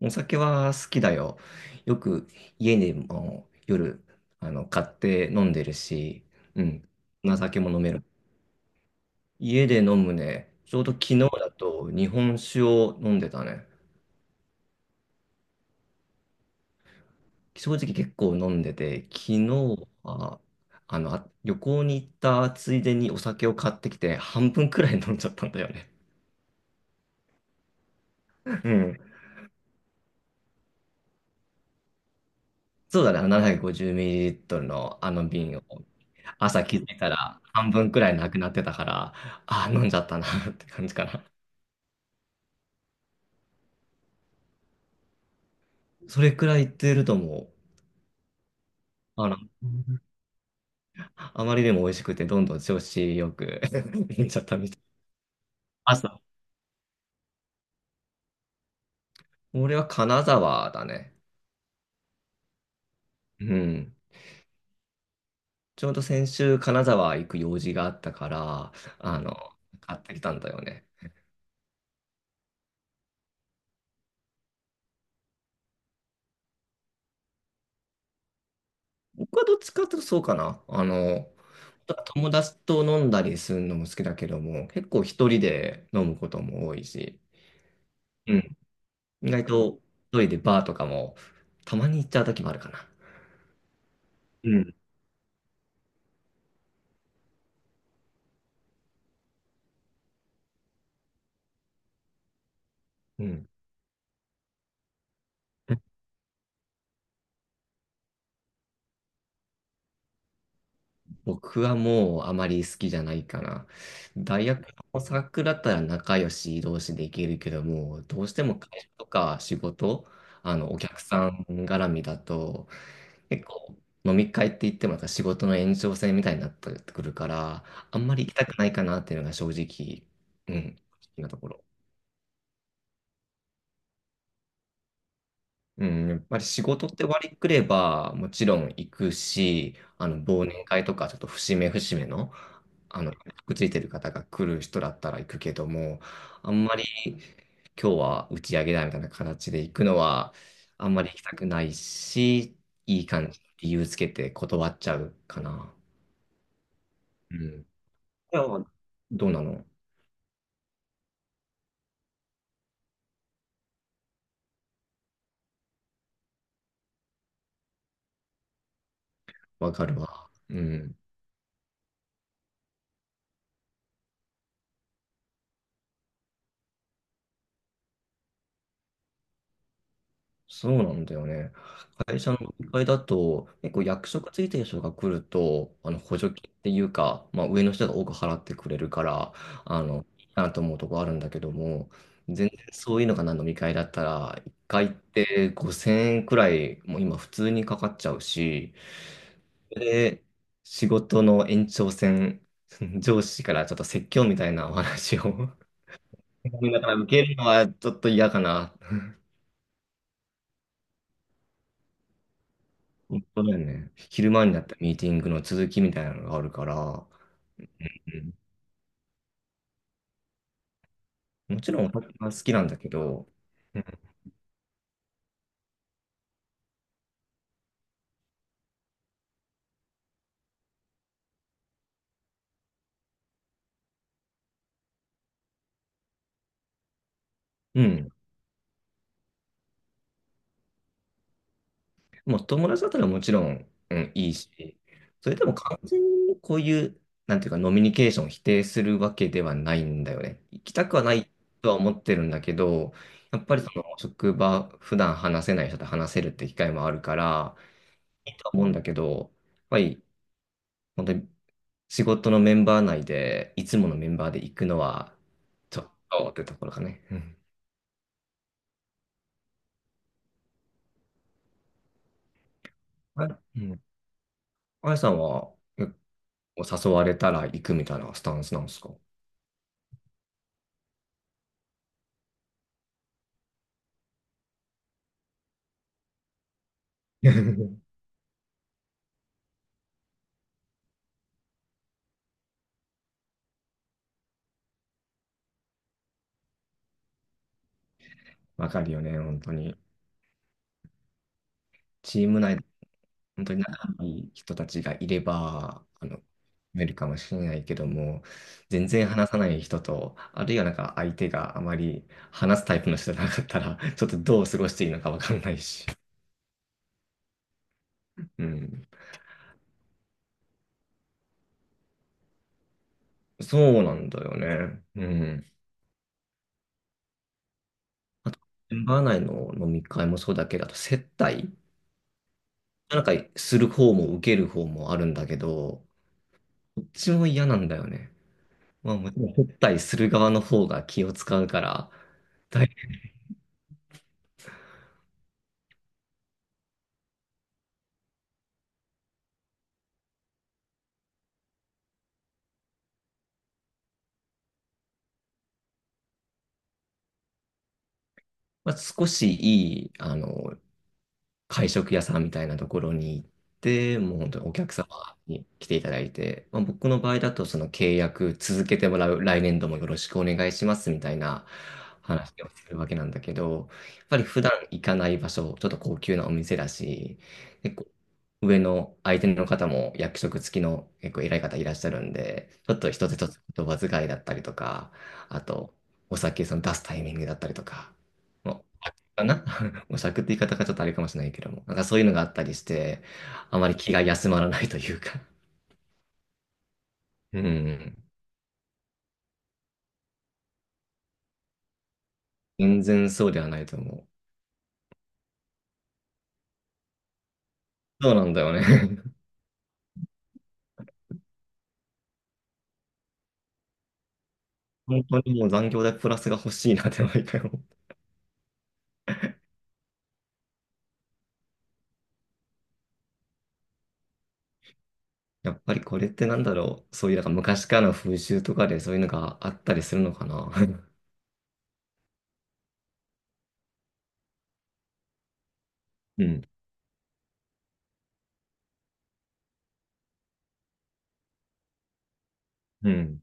お酒は好きだよ。よく家でも夜買って飲んでるし、うん、お酒も飲める。家で飲むね。ちょうど昨日だと日本酒を飲んでたね。正直結構飲んでて、昨日は旅行に行ったついでにお酒を買ってきて半分くらい飲んじゃったんだよね。うん。そうだね、750ml のあの瓶を。朝気づいたら半分くらいなくなってたから、ああ、飲んじゃったなって感じかな。それくらいいってるともう、あの、あまりでも美味しくて、どんどん調子よく 飲んじゃったみたい。朝。俺は金沢だね。うん。ちょうど先週金沢行く用事があったから、あの、買ってきたんだよね。僕はどっちかっていうとそうかな。友達と飲んだりするのも好きだけども、結構一人で飲むことも多いし。うん。意外と一人でバーとかもたまに行っちゃう時もあるかな。うん。うん。僕はもうあまり好きじゃないかな。大学のサークルだったら仲良し同士で行けるけども、どうしても会社とか仕事、お客さん絡みだと、結構飲み会って言ってもまた仕事の延長線みたいになってくるから、あんまり行きたくないかなっていうのが正直、うん、正直なところ。うん、やっぱり仕事って割りくれば、もちろん行くし、忘年会とか、ちょっと節目節目の、あの、くっついてる方が来る人だったら行くけども、あんまり今日は打ち上げだみたいな形で行くのは、あんまり行きたくないし、いい感じ、理由つけて断っちゃうかな。うん。いや、どうなの？わかるわ。うん。そうなんだよね。会社の1階だと、結構役職ついてる人が来ると、補助金っていうか、まあ、上の人が多く払ってくれるから、いいなと思うとこあるんだけども、全然そういうのがな飲み会だったら、1回って5000円くらい、もう今普通にかかっちゃうし、で、仕事の延長線、上司からちょっと説教みたいなお話を だから受けるのはちょっと嫌かな。本当だよね。昼間になったミーティングの続きみたいなのがあるから、うん。もちろんお酒は好きなんだけど、うん。もう友達だったらもちろん、うん、いいし、それでも完全にこういう、なんていうか、ノミニケーションを否定するわけではないんだよね。行きたくはないとは思ってるんだけど、やっぱりその職場、普段話せない人と話せるって機会もあるから、いいとは思うんだけど、やっぱり、本当に仕事のメンバー内で、いつものメンバーで行くのは、ちょっとってところかね。うん。あ、うん。あやさんは、結構誘われたら行くみたいなスタンスなんですか？ わかるよね、本当に。チーム内で、本当に仲いい人たちがいれば、見えるかもしれないけども、全然話さない人と、あるいはなんか相手があまり話すタイプの人じゃなかったら、ちょっとどう過ごしていいのかわかんないし。うん。そうなんだよね。うん。あと、メンバー内の飲み会もそうだけど、あと接待なんかする方も受ける方もあるんだけど、どっちも嫌なんだよね。まあもちろん接待する側の方が気を使うから、だいまあ、少しいい、会食屋さんみたいなところに行って、もう本当にお客様に来ていただいて、まあ、僕の場合だとその契約続けてもらう、来年度もよろしくお願いしますみたいな話をするわけなんだけど、やっぱり普段行かない場所、ちょっと高級なお店だし、結構上の相手の方も役職付きの結構偉い方いらっしゃるんで、ちょっと一つ一つ言葉遣いだったりとか、あとお酒その出すタイミングだったりとか、もう、かな模索って言い方がちょっとあれかもしれないけども、なんかそういうのがあったりして、あまり気が休まらないというか。うん。全然そうではないと思う。そうなんだよね。本当にもう残業代プラスが欲しいなって毎回思う。やっぱりこれってなんだろう。そういうなんか昔からの風習とかでそういうのがあったりするのかな。うん。うん。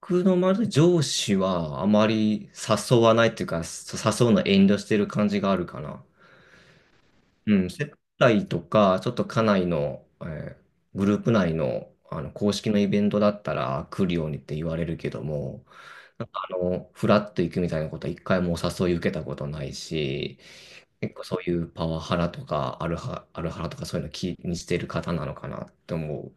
僕のまず上司はあまり誘わないっていうか、誘うの遠慮してる感じがあるかな。うん、接待とか、ちょっと家内の、ーグループ内の、公式のイベントだったら来るようにって言われるけども、フラッと行くみたいなことは一回もお誘い受けたことないし、結構そういうパワハラとかアルハラとかそういうの気にしてる方なのかなって思う。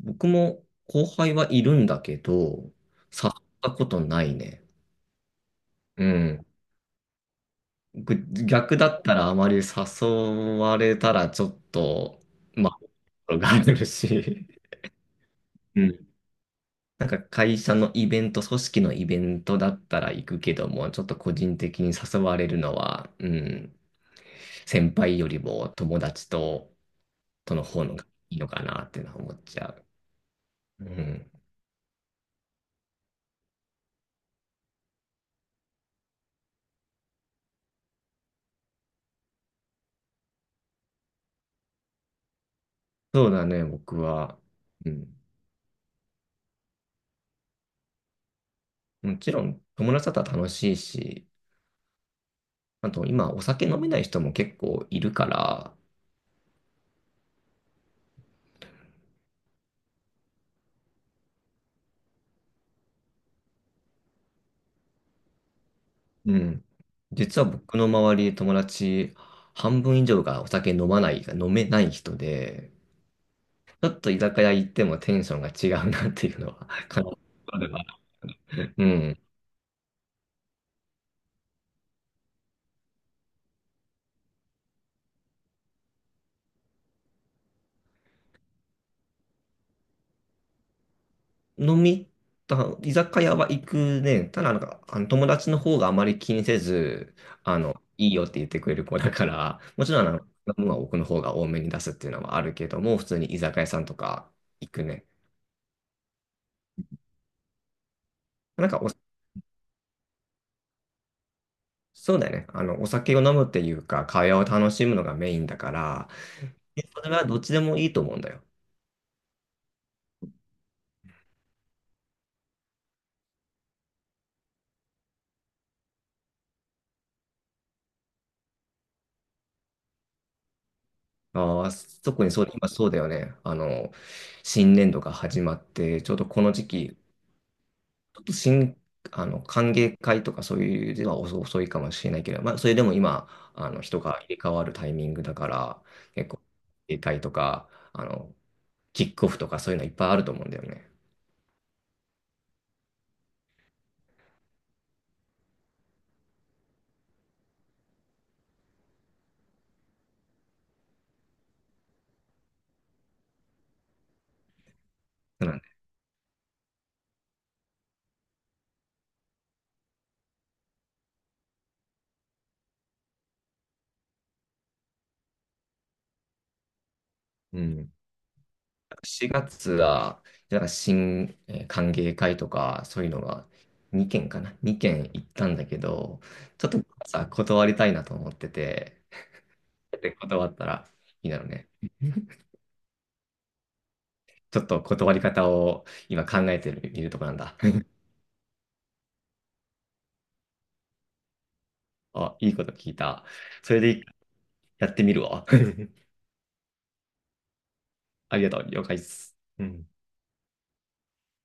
僕も後輩はいるんだけど、誘ったことないね。うん。僕逆だったらあまり誘われたらちょっと、まあ、があるし、うん。なんか会社のイベント、組織のイベントだったら行くけども、ちょっと個人的に誘われるのは、うん、先輩よりも友達と、との方のがいいのかなっていうのは思っちゃう。うん。そうだね、僕は。うん。もちろん、友達だったら楽しいし、あと今、お酒飲めない人も結構いるから、うん。実は僕の周り、友達、半分以上がお酒飲まない、飲めない人で、ちょっと居酒屋行ってもテンションが違うなっていうのは、かな。うん。飲みた、居酒屋は行くね。ただなんか、友達の方があまり気にせず、いいよって言ってくれる子だから、もちろん、飲むは奥の方が多めに出すっていうのはあるけども、普通に居酒屋さんとか行くね。なんか、そうだよね。お酒を飲むっていうか、会話を楽しむのがメインだから、でそれはどっちでもいいと思うんだよ。ああ、特にそう、今そうだよね。新年度が始まって、ちょうどこの時期、ちょっと新、あの、歓迎会とかそういうでは遅遅いかもしれないけど、まあ、それでも今、人が入れ替わるタイミングだから、結構、歓迎会とか、キックオフとかそういうのいっぱいあると思うんだよね。なんで、うん。4月は、なんか新、えー歓迎会とか、そういうのが2件かな。2件行ったんだけど、ちょっとさ、断りたいなと思ってて、で、断ったらいいだろうね。ちょっと断り方を今考えてる、いるとこなんだ。あ、いいこと聞いた。それでやってみるわ。ありがとう。了解です。うん